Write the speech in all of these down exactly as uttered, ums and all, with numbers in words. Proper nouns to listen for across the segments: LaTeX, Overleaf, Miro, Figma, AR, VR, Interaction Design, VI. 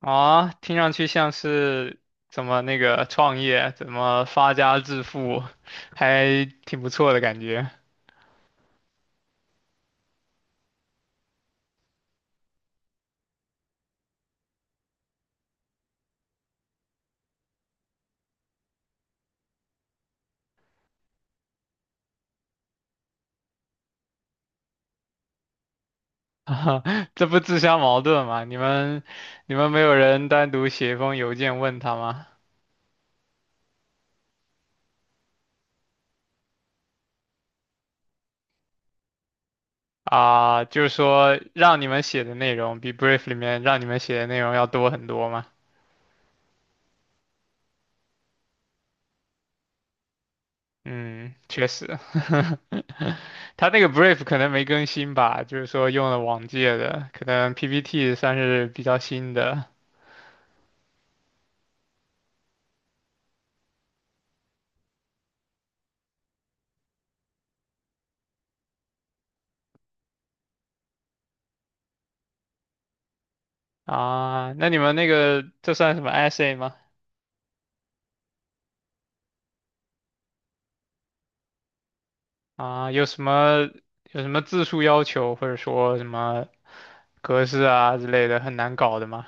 啊，听上去像是怎么那个创业，怎么发家致富，还挺不错的感觉。啊，这不自相矛盾吗？你们你们没有人单独写一封邮件问他吗？啊，就是说让你们写的内容比 brief 里面让你们写的内容要多很多吗？嗯，确实，他那个 brief 可能没更新吧，就是说用了往届的，可能 P P T 算是比较新的。啊，那你们那个这算什么 essay 吗？啊，有什么有什么字数要求，或者说什么格式啊之类的，很难搞的吗？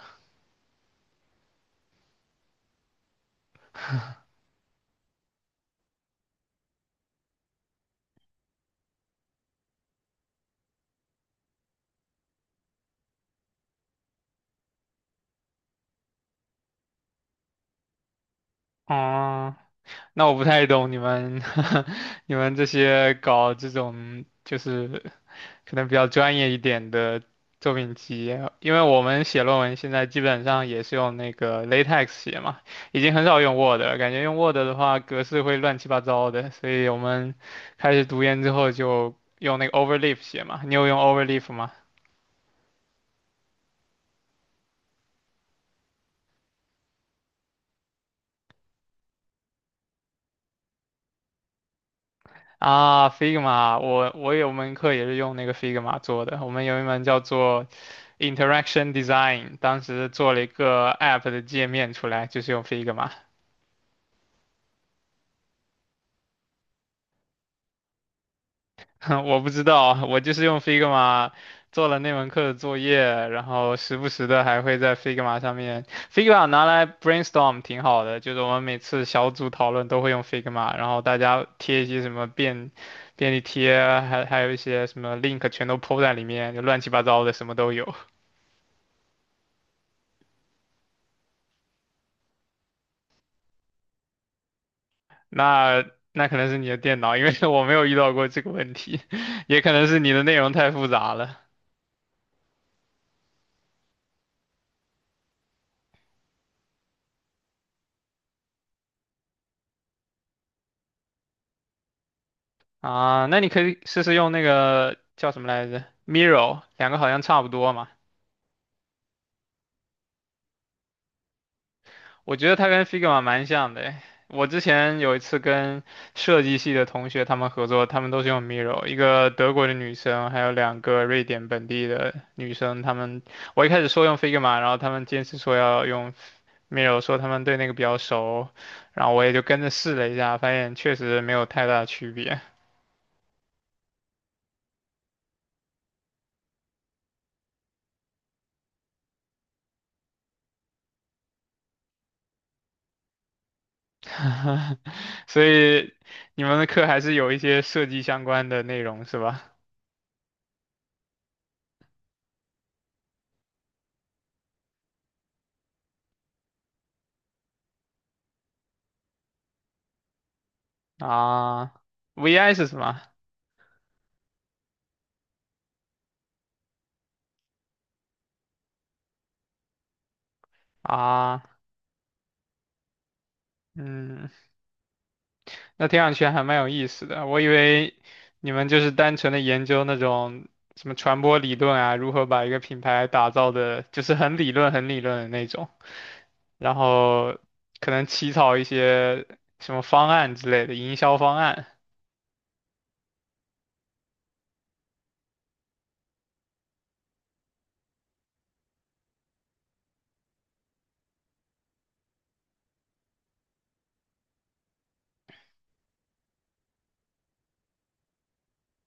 哦，那我不太懂你们 你们这些搞这种就是可能比较专业一点的作品集，因为我们写论文现在基本上也是用那个 LaTeX 写嘛，已经很少用 Word 了，感觉用 Word 的话格式会乱七八糟的，所以我们开始读研之后就用那个 Overleaf 写嘛。你有用 Overleaf 吗？啊，Figma,我我有门课也是用那个 Figma 做的，我们有一门叫做 Interaction Design,当时做了一个 App 的界面出来，就是用 Figma。我不知道，我就是用 Figma 做了那门课的作业，然后时不时的还会在 Figma 上面，Figma 拿来 brainstorm 挺好的，就是我们每次小组讨论都会用 Figma,然后大家贴一些什么便便利贴，还还有一些什么 link 全都 po 在里面，就乱七八糟的什么都有。那那可能是你的电脑，因为 我没有遇到过这个问题，也可能是你的内容太复杂了。啊，那你可以试试用那个叫什么来着，Miro,两个好像差不多嘛。我觉得它跟 Figma 蛮像的诶。我之前有一次跟设计系的同学他们合作，他们都是用 Miro,一个德国的女生，还有两个瑞典本地的女生。他们我一开始说用 Figma,然后他们坚持说要用 Miro,说他们对那个比较熟，然后我也就跟着试了一下，发现确实没有太大的区别。所以你们的课还是有一些设计相关的内容是吧？啊，V I 是什么？啊，嗯，那听上去还蛮有意思的。我以为你们就是单纯的研究那种什么传播理论啊，如何把一个品牌打造的，就是很理论、很理论的那种，然后可能起草一些什么方案之类的营销方案。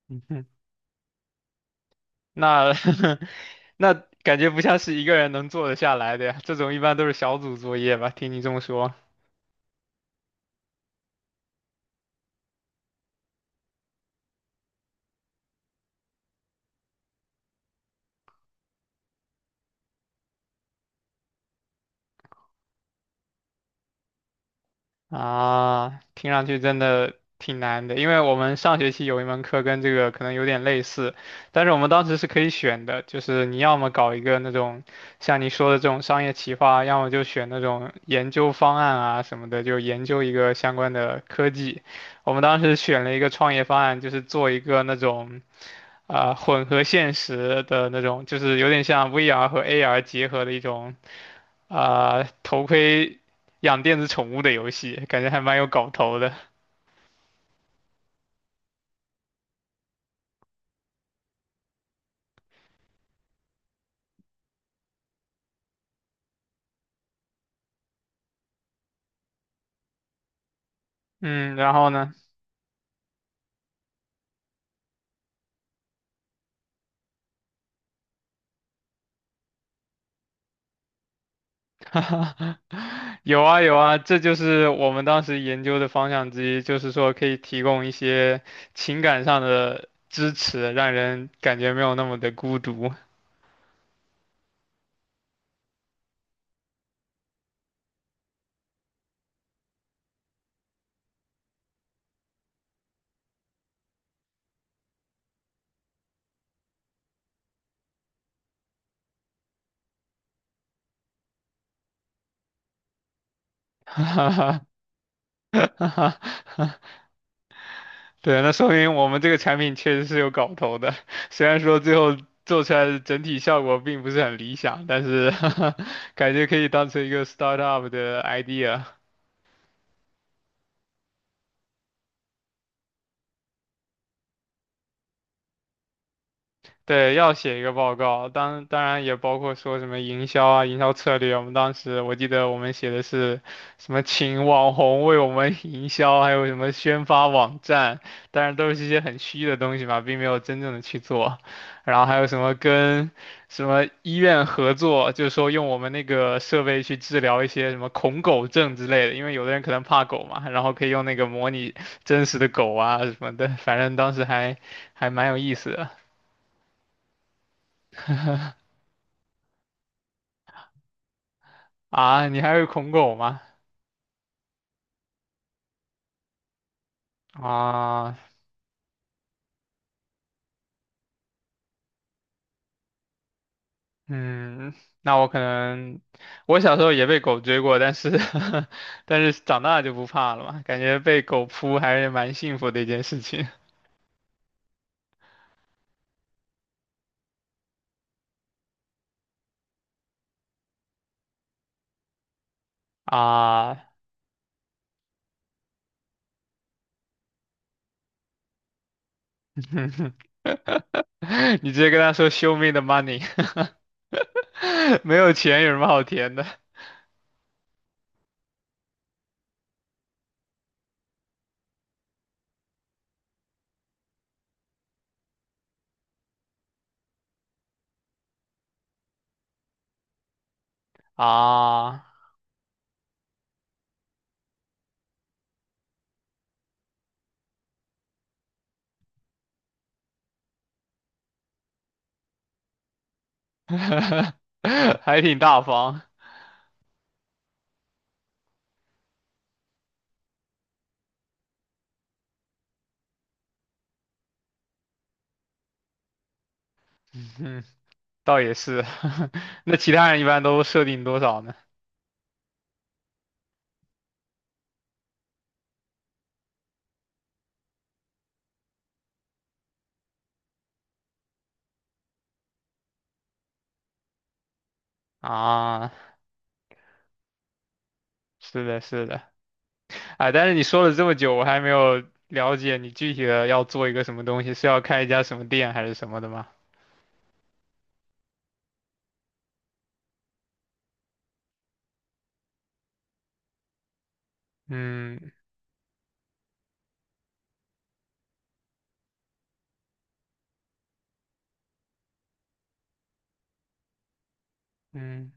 那 那感觉不像是一个人能做得下来的呀，这种一般都是小组作业吧？听你这么说啊，听上去真的挺难的，因为我们上学期有一门课跟这个可能有点类似，但是我们当时是可以选的，就是你要么搞一个那种像你说的这种商业企划，要么就选那种研究方案啊什么的，就研究一个相关的科技。我们当时选了一个创业方案，就是做一个那种。啊、混合现实的那种，就是有点像 V R 和 A R 结合的一种啊、头盔养电子宠物的游戏，感觉还蛮有搞头的。嗯，然后呢？有啊有啊，这就是我们当时研究的方向之一，就是说可以提供一些情感上的支持，让人感觉没有那么的孤独。对，那说明我们这个产品确实是有搞头的，虽然说最后做出来的整体效果并不是很理想，但是 感觉可以当成一个 startup 的 idea。对，要写一个报告，当当然也包括说什么营销啊、营销策略。我们当时我记得我们写的是什么，请网红为我们 营销，还有什么宣发网站，当然都是一些很虚的东西嘛，并没有真正的去做。然后还有什么跟什么医院合作，就是说用我们那个设备去治疗一些什么恐狗症之类的，因为有的人可能怕狗嘛，然后可以用那个模拟真实的狗啊什么的，反正当时还还蛮有意思的。啊，你还会恐狗吗？啊，嗯，那我可能，我小时候也被狗追过，但是 但是长大就不怕了嘛，感觉被狗扑还是蛮幸福的一件事情啊。你直接跟他说 "Show me the money",没有钱有什么好填的啊？还挺大方，嗯，倒也是。那其他人一般都设定多少呢？啊，是的，是的。哎，但是你说了这么久，我还没有了解你具体的要做一个什么东西，是要开一家什么店还是什么的吗？嗯嗯，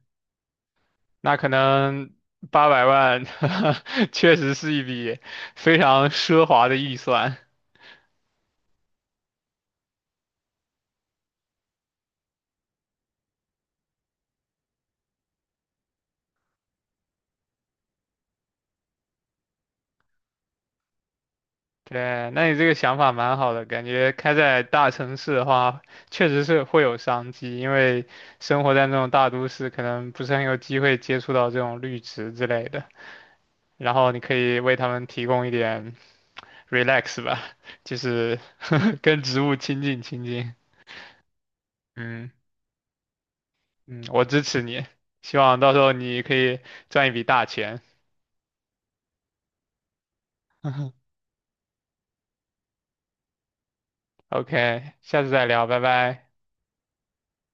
那可能八百万 确实是一笔非常奢华的预算。对，那你这个想法蛮好的，感觉开在大城市的话，确实是会有商机，因为生活在那种大都市，可能不是很有机会接触到这种绿植之类的。然后你可以为他们提供一点 relax 吧，就是 跟植物亲近亲近。嗯嗯，我支持你，希望到时候你可以赚一笔大钱。OK,下次再聊，拜拜。